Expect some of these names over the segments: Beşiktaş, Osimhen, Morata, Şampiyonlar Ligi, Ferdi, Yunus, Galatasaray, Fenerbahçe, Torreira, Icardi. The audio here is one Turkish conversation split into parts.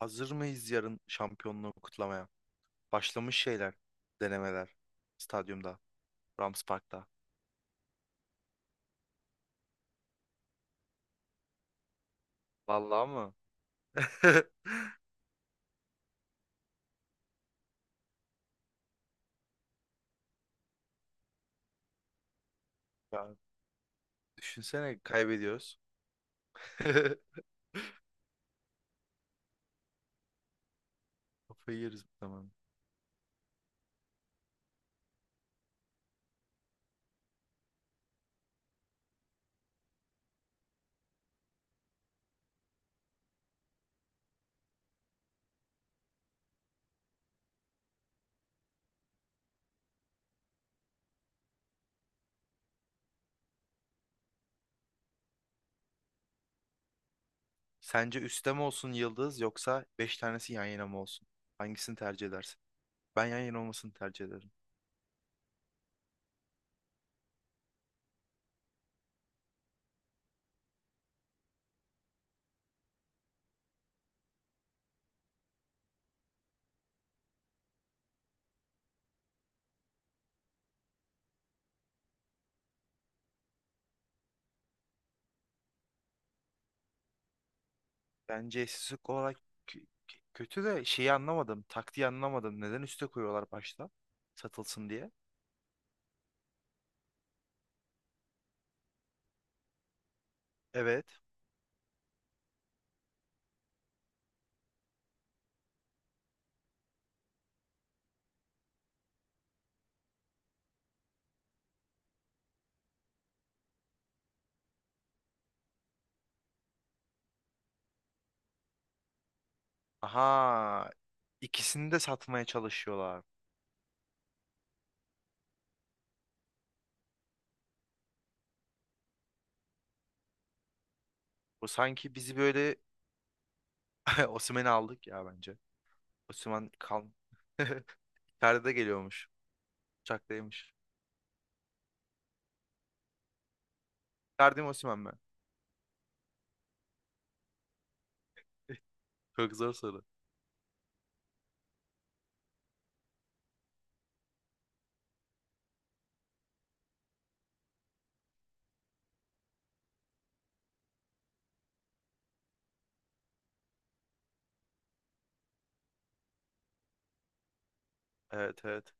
Hazır mıyız yarın şampiyonluğu kutlamaya? Başlamış şeyler, denemeler. Stadyumda, Rams Park'ta. Vallahi mı? Ya düşünsene kaybediyoruz. Kafayı yeriz bu zaman. Sence üstte mi olsun yıldız yoksa 5 tanesi yan yana mı olsun? Hangisini tercih edersin? Ben yan yana olmasını tercih ederim. Bence eşsizlik olarak kötü de şeyi anlamadım. Taktiği anlamadım. Neden üste koyuyorlar başta? Satılsın diye. Evet. Aha. İkisini de satmaya çalışıyorlar. O sanki bizi böyle Osimhen'i aldık ya bence. Osimhen kal. Ferdi geliyormuş. Uçaktaymış. Ferdi mi Osimhen mi? Çok zor soru. Evet, evet.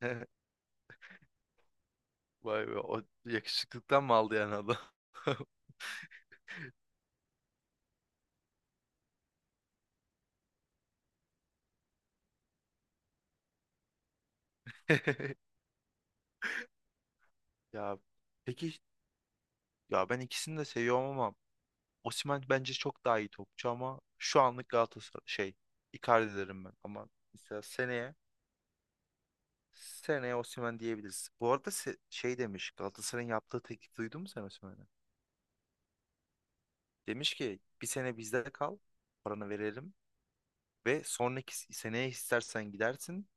Vay be, o yakışıklıktan mı aldı yani adam? Ya peki, ya ben ikisini de seviyorum ama Osimhen bence çok daha iyi topçu ama şu anlık Galatasaray şey, Icardi derim ben ama mesela seneye seneye Osimhen diyebiliriz. Bu arada şey demiş, Galatasaray'ın yaptığı teklif duydun mu sen Osimhen'e? Demiş ki bir sene bizde kal, paranı verelim ve sonraki seneye istersen gidersin.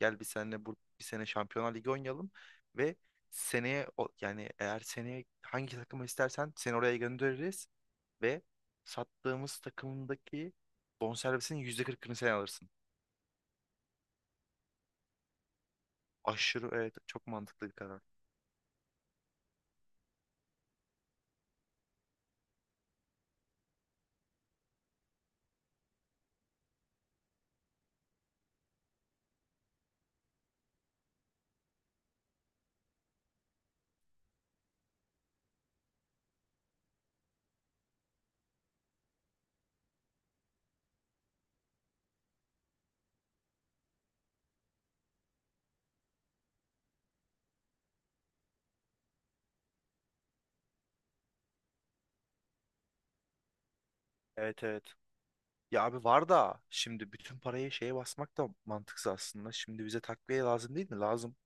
Gel bir sene, bu bir sene Şampiyonlar Ligi oynayalım ve seneye yani eğer seneye hangi takımı istersen seni oraya göndeririz ve sattığımız takımdaki bonservisin %40'ını sen alırsın. Aşırı evet, çok mantıklı bir karar. Evet, evet. Ya abi, var da şimdi bütün parayı şeye basmak da mantıksız aslında. Şimdi bize takviye lazım değil mi? Lazım.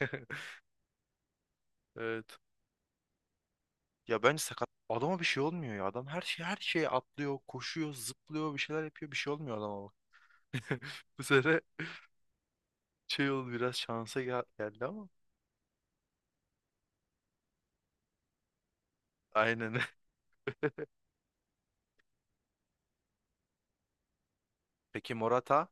Evet. Ya bence sakat adama bir şey olmuyor ya. Adam her şey, her şeye atlıyor, koşuyor, zıplıyor, bir şeyler yapıyor. Bir şey olmuyor adama bak. Bu sefer şey oldu, biraz şansa geldi ama. Aynen. Peki Morata.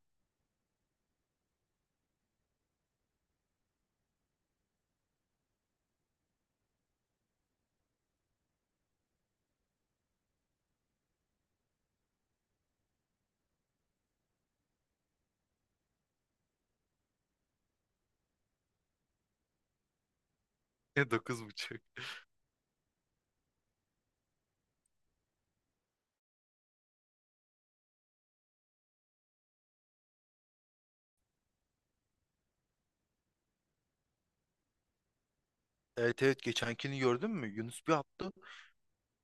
Dokuz buçuk. Evet, evet, geçenkini gördün mü? Yunus bir attı.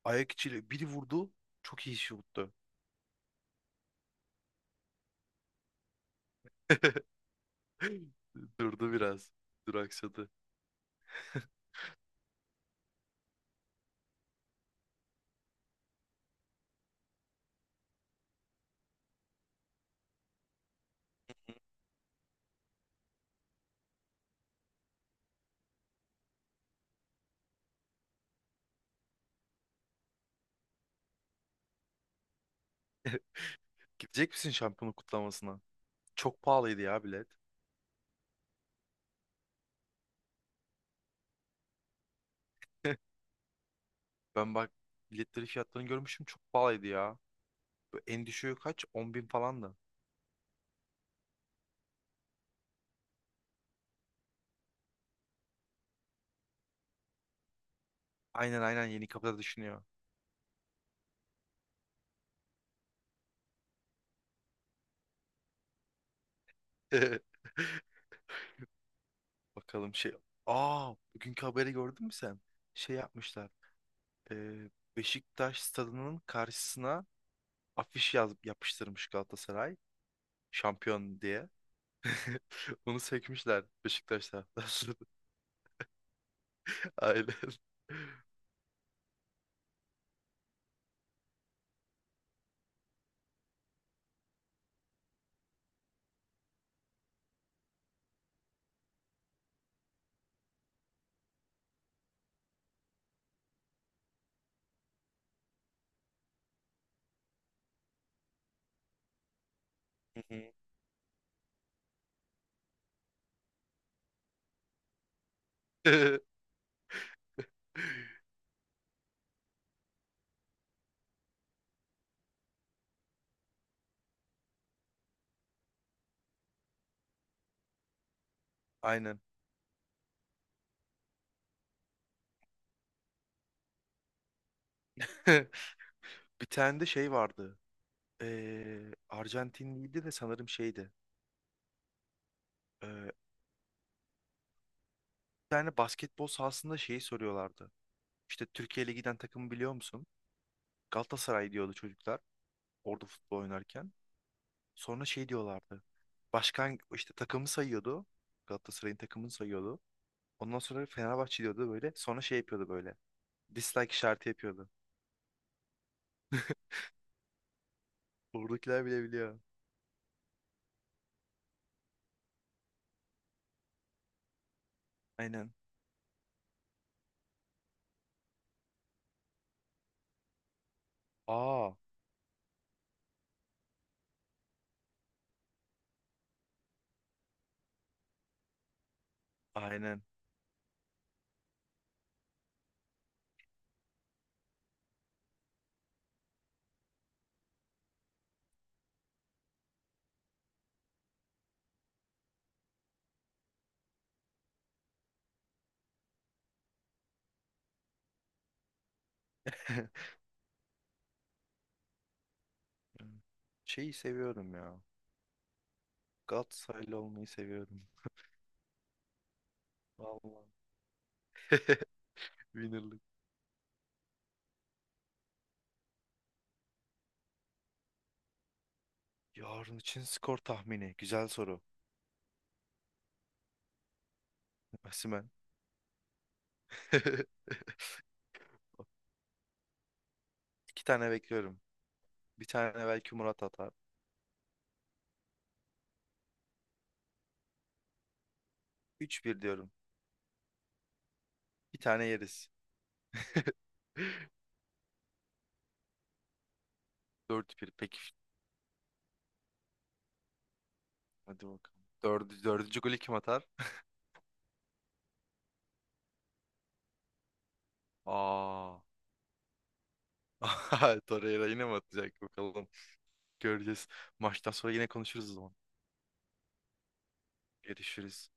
Ayak içiyle biri vurdu. Çok iyi şuttu. Durdu biraz. Duraksadı. Gidecek misin şampiyonluk kutlamasına? Çok pahalıydı ya bilet. Ben bak, biletleri, fiyatlarını görmüşüm, çok pahalıydı ya. En düşüğü kaç? 10 bin falan da. Aynen, aynen, yeni kapıda düşünüyor. Bakalım şey. Aa, bugünkü haberi gördün mü sen? Şey yapmışlar. Ee, Beşiktaş stadının karşısına afiş yaz yapıştırmış Galatasaray. Şampiyon diye. Onu sökmüşler Beşiktaş taraftarları. Aynen. Hı hı. Aynen. Bir tane de şey vardı. Arjantinliydi de sanırım şeydi. Ee, bir tane basketbol sahasında şeyi soruyorlardı. İşte Türkiye giden takımı biliyor musun? Galatasaray diyordu çocuklar orada futbol oynarken. Sonra şey diyorlardı. Başkan işte takımı sayıyordu. Galatasaray'ın takımını sayıyordu. Ondan sonra Fenerbahçe diyordu böyle. Sonra şey yapıyordu böyle. Dislike işareti yapıyordu. Buradakiler bile biliyor. Aynen. Aa, aynen. Şeyi seviyorum ya. Galatasaraylı olmayı seviyorum. Vallahi. Winner'lık. Yarın için skor tahmini. Güzel soru. Osimhen. İki tane bekliyorum. Bir tane belki Murat atar. 3-1 diyorum. Bir tane yeriz. 4-1 peki. Hadi bakalım. Dördü, dördüncü golü kim atar? Aa. Torreira yine mi atacak bakalım. Göreceğiz. Maçtan sonra yine konuşuruz o zaman. Görüşürüz.